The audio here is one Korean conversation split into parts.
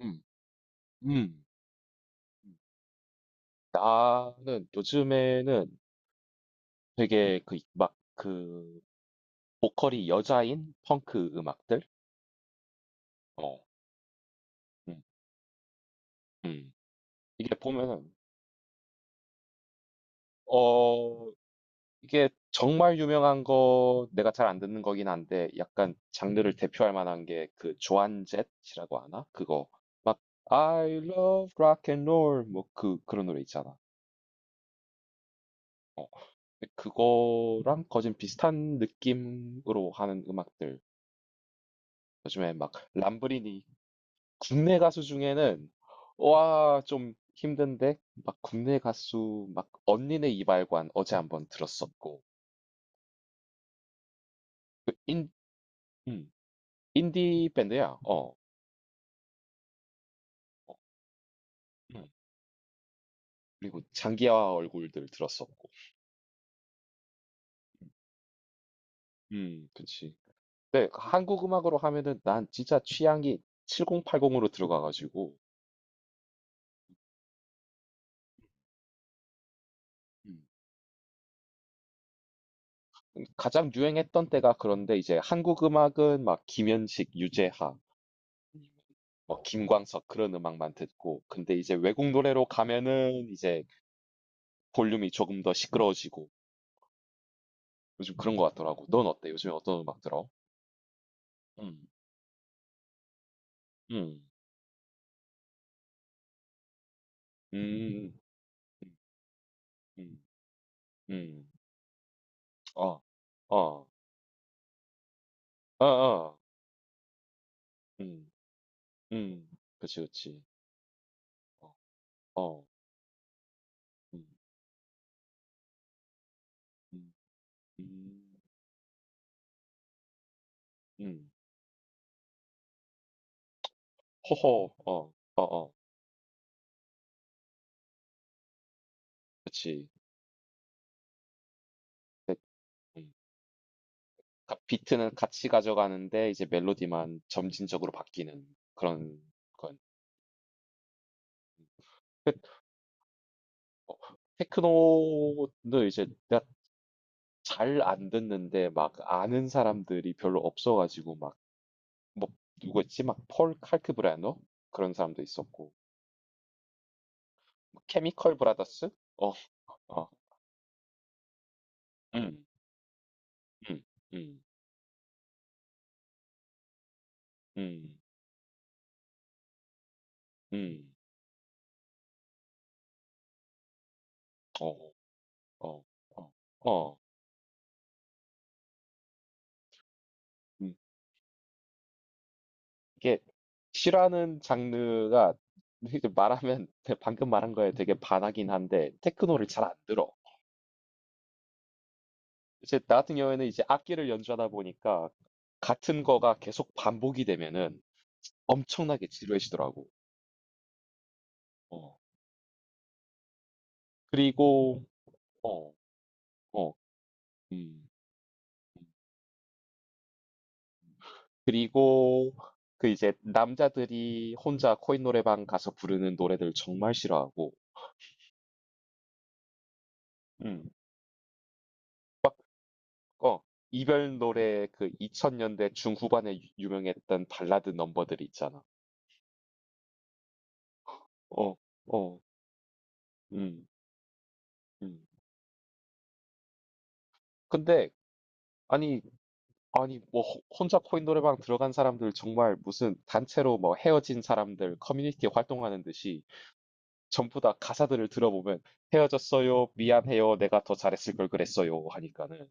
음. 음. 음. 나는 요즘에는 되게 그, 막, 그, 보컬이 여자인 펑크 음악들? 어, 음. 음. 이게 보면은, 어, 이게 정말 유명한 거, 내가 잘 안 듣는 거긴 한데, 약간 장르를 대표할 만한 게 그 조안jet이라고 하나? 그거. 막, I love rock and roll. 뭐, 그, 그런 노래 있잖아. 어, 그거랑 거진 비슷한 느낌으로 하는 음악들. 요즘에 막 람브리니 국내 가수 중에는 와, 좀 힘든데 막 국내 가수 막 언니네 이발관 어제 한번 들었었고 그 인, 음, 인디 밴드야. 어. 음. 그리고 장기하 얼굴들 들었었고. 그치. 근데 그 한국 음악으로 하면은 난 진짜 취향이 7080으로 들어가가지고 음. 가장 유행했던 때가 그런데 이제 한국 음악은 막 김현식, 유재하 뭐 김광석 그런 음악만 듣고 근데 이제 외국 노래로 가면은 이제 볼륨이 조금 더 시끄러워지고 요즘 그런 것 같더라고. 넌 어때? 요즘에 어떤 음악 들어? 음, 음, 음, 음, 음, 음. 어, 어, 어, 어, 음, 음, 그치, 그치. 어, 어, 음, 음, 음, 음. 호호, 어, 어, 어, 그치. 그, 음. 비트는 같이 가져가는데 이제 멜로디만 점진적으로 바뀌는 그런 건. 그 어, 테크노는 이제 내가 잘 안 듣는데 막 아는 사람들이 별로 없어가지고 막 뭐 누구였지? 막 폴 칼크 브래너 그런 사람도 있었고 뭐 케미컬 브라더스? 어, 어, 음, 음, 음, 음, 음, 어, 어, 어, 어, 음. 이게 싫어하는 장르가 이제 말하면 방금 말한 거에 되게 반하긴 한데 테크노를 잘 안 들어. 이제 나 같은 경우에는 이제 악기를 연주하다 보니까 같은 거가 계속 반복이 되면은 엄청나게 지루해지더라고. 어. 그리고 어. 어. 음. 음. 그리고 그 이제 남자들이 혼자 코인 노래방 가서 부르는 노래들 정말 싫어하고. 음. 어. 이별 노래 그 2000년대 중후반에 유명했던 발라드 넘버들 있잖아. 어. 어. 음. 음. 근데 아니 아니 뭐 혼자 코인 노래방 들어간 사람들 정말 무슨 단체로 뭐 헤어진 사람들 커뮤니티 활동하는 듯이 전부 다 가사들을 들어보면 헤어졌어요 미안해요 내가 더 잘했을 걸 그랬어요 하니까는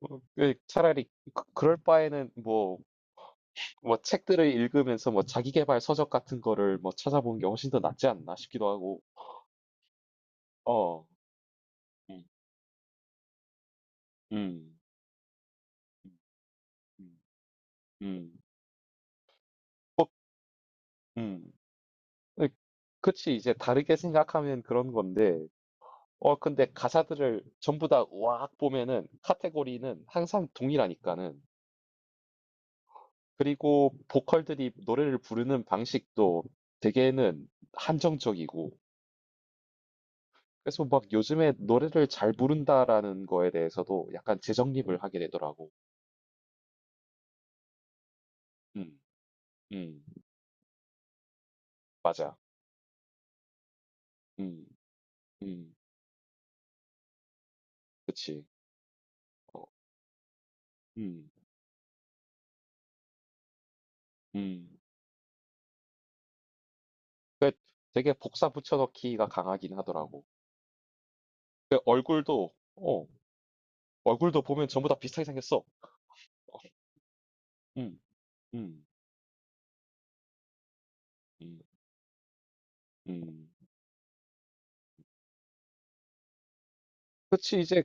어, 그 차라리 그럴 바에는 뭐 뭐 책들을 읽으면서 뭐 자기계발 서적 같은 거를 뭐 찾아보는 게 훨씬 더 낫지 않나 싶기도 하고 어 음, 음, 음, 음, 음. 음. 그치 이제 다르게 생각하면 그런 건데 어 근데 가사들을 전부 다 와악 보면은 카테고리는 항상 동일하니까는 그리고 보컬들이 노래를 부르는 방식도 되게는 한정적이고 그래서 막 요즘에 노래를 잘 부른다라는 거에 대해서도 약간 재정립을 하게 되더라고. 음, 음, 맞아. 음, 음, 그치. 어, 음, 음. 되게 복사 붙여넣기가 강하긴 하더라고. 그 얼굴도, 어, 얼굴도 보면 전부 다 비슷하게 생겼어. 음, 음, 음. 음. 그치. 이제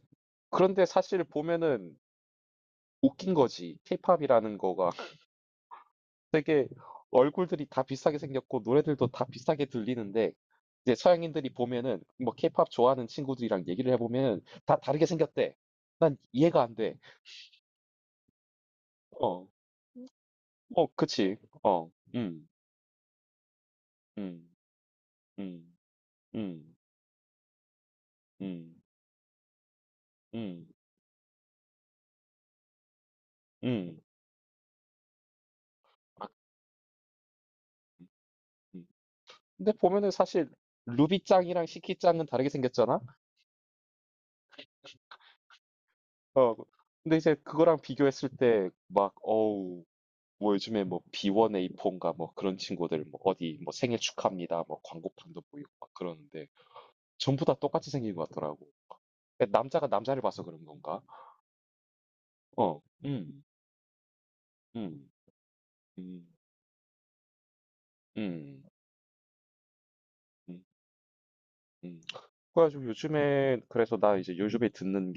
그런데 사실 보면은 웃긴 거지. 케이팝이라는 거가 되게 얼굴들이 다 비슷하게 생겼고 노래들도 다 비슷하게 들리는데 이제 서양인들이 보면은 뭐 케이팝 좋아하는 친구들이랑 얘기를 해보면 다 다르게 생겼대. 난 이해가 안 돼. 어, 어, 그치. 어, 음, 음, 음, 음, 음, 음. 음. 근데 보면은 사실 루비짱이랑 시키짱은 다르게 생겼잖아? 어, 근데 이제 그거랑 비교했을 때 막 어우 뭐 요즘에 뭐 B1A4인가 뭐 그런 친구들 뭐 어디 뭐 생일 축하합니다 뭐 광고판도 보이고 막 그러는데 전부 다 똑같이 생긴 것 같더라고. 그러니까 남자가 남자를 봐서 그런 건가? 어, 음, 음, 음, 음, 음. 그래가지고 요즘에 그래서 나 이제 요즘에 듣는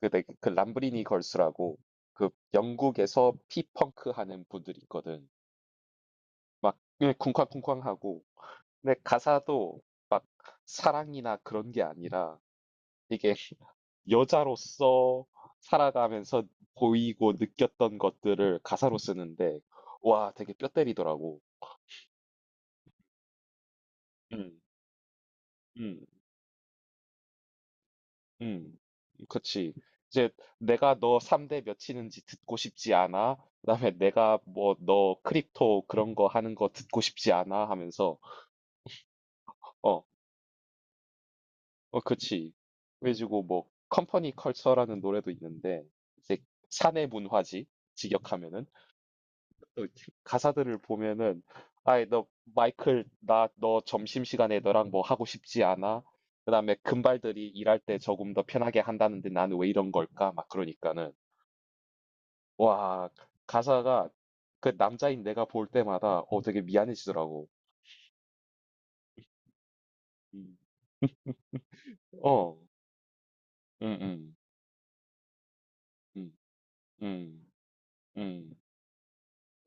게그그 람브리니 걸스라고 그 영국에서 피펑크 하는 분들이 있거든. 막 그냥 쿵쾅쿵쾅하고 근데 가사도 막 사랑이나 그런 게 아니라 이게 여자로서 살아가면서 보이고 느꼈던 것들을 가사로 쓰는데 와 되게 뼈 때리더라고. 음, 음, 음. 그치. 이제 내가 너 3대 몇이는지 듣고 싶지 않아. 그다음에 내가 뭐 너 크립토 그런 거 하는 거 듣고 싶지 않아 하면서 어, 어, 그치. 그래가지고 뭐 컴퍼니 컬처라는 노래도 있는데 이제 사내 문화지 직역하면은 또 가사들을 보면은 아이 너 마이클 나 너 점심시간에 너랑 뭐 하고 싶지 않아? 그다음에 금발들이 일할 때 조금 더 편하게 한다는데 나는 왜 이런 걸까? 막 그러니까는 와 가사가 그 남자인 내가 볼 때마다 어 되게 미안해지더라고. 음. 어, 음, 음, 음, 음, 음.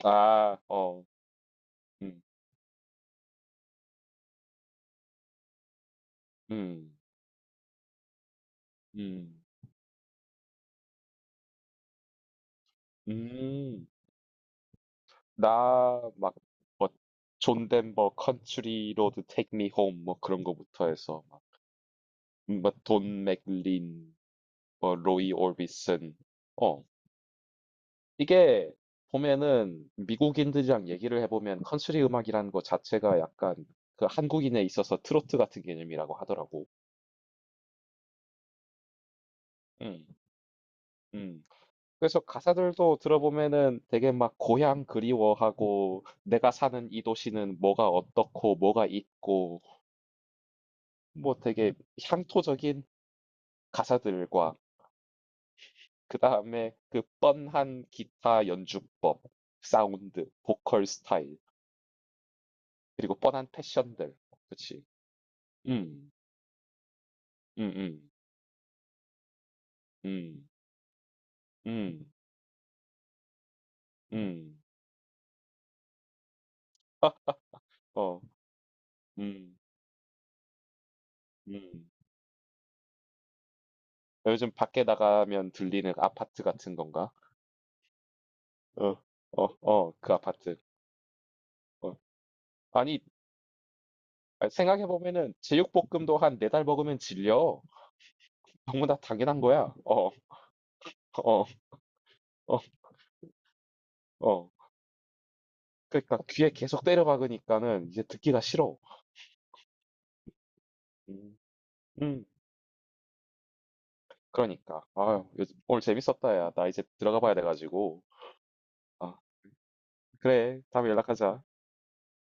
아, 어. 음. 음. 음. 음. 나 막 뭐 존 덴버 컨트리 로드 테이크 미 홈 뭐 그런 거부터 해서 막 뭐 돈 맥린 뭐 로이 오비슨 어 이게 보면은 미국인들이랑 얘기를 해보면 컨트리 음악이라는 것 자체가 약간 그 한국인에 있어서 트로트 같은 개념이라고 하더라고. 음. 음. 그래서 가사들도 들어보면은 되게 막 고향 그리워하고 내가 사는 이 도시는 뭐가 어떻고 뭐가 있고 뭐 되게 향토적인 가사들과 그 다음에 그 뻔한 기타 연주법, 사운드, 보컬 스타일 그리고 뻔한 패션들 그치? 음, 음, 음, 음, 음, 음, 어, 음, 음. 요즘 밖에 나가면 들리는 아파트 같은 건가? 어, 어, 어, 그 아파트. 어. 아니, 아, 생각해 보면은 제육볶음도 한 4달 먹으면 질려. 너무나 당연한 거야. 어, 어, 어, 어. 그러니까 귀에 계속 때려박으니까는 이제 듣기가 싫어. 음, 음, 그러니까. 아유, 오늘 재밌었다, 야. 나 이제 들어가 봐야 돼가지고. 아, 그래. 다음에 연락하자.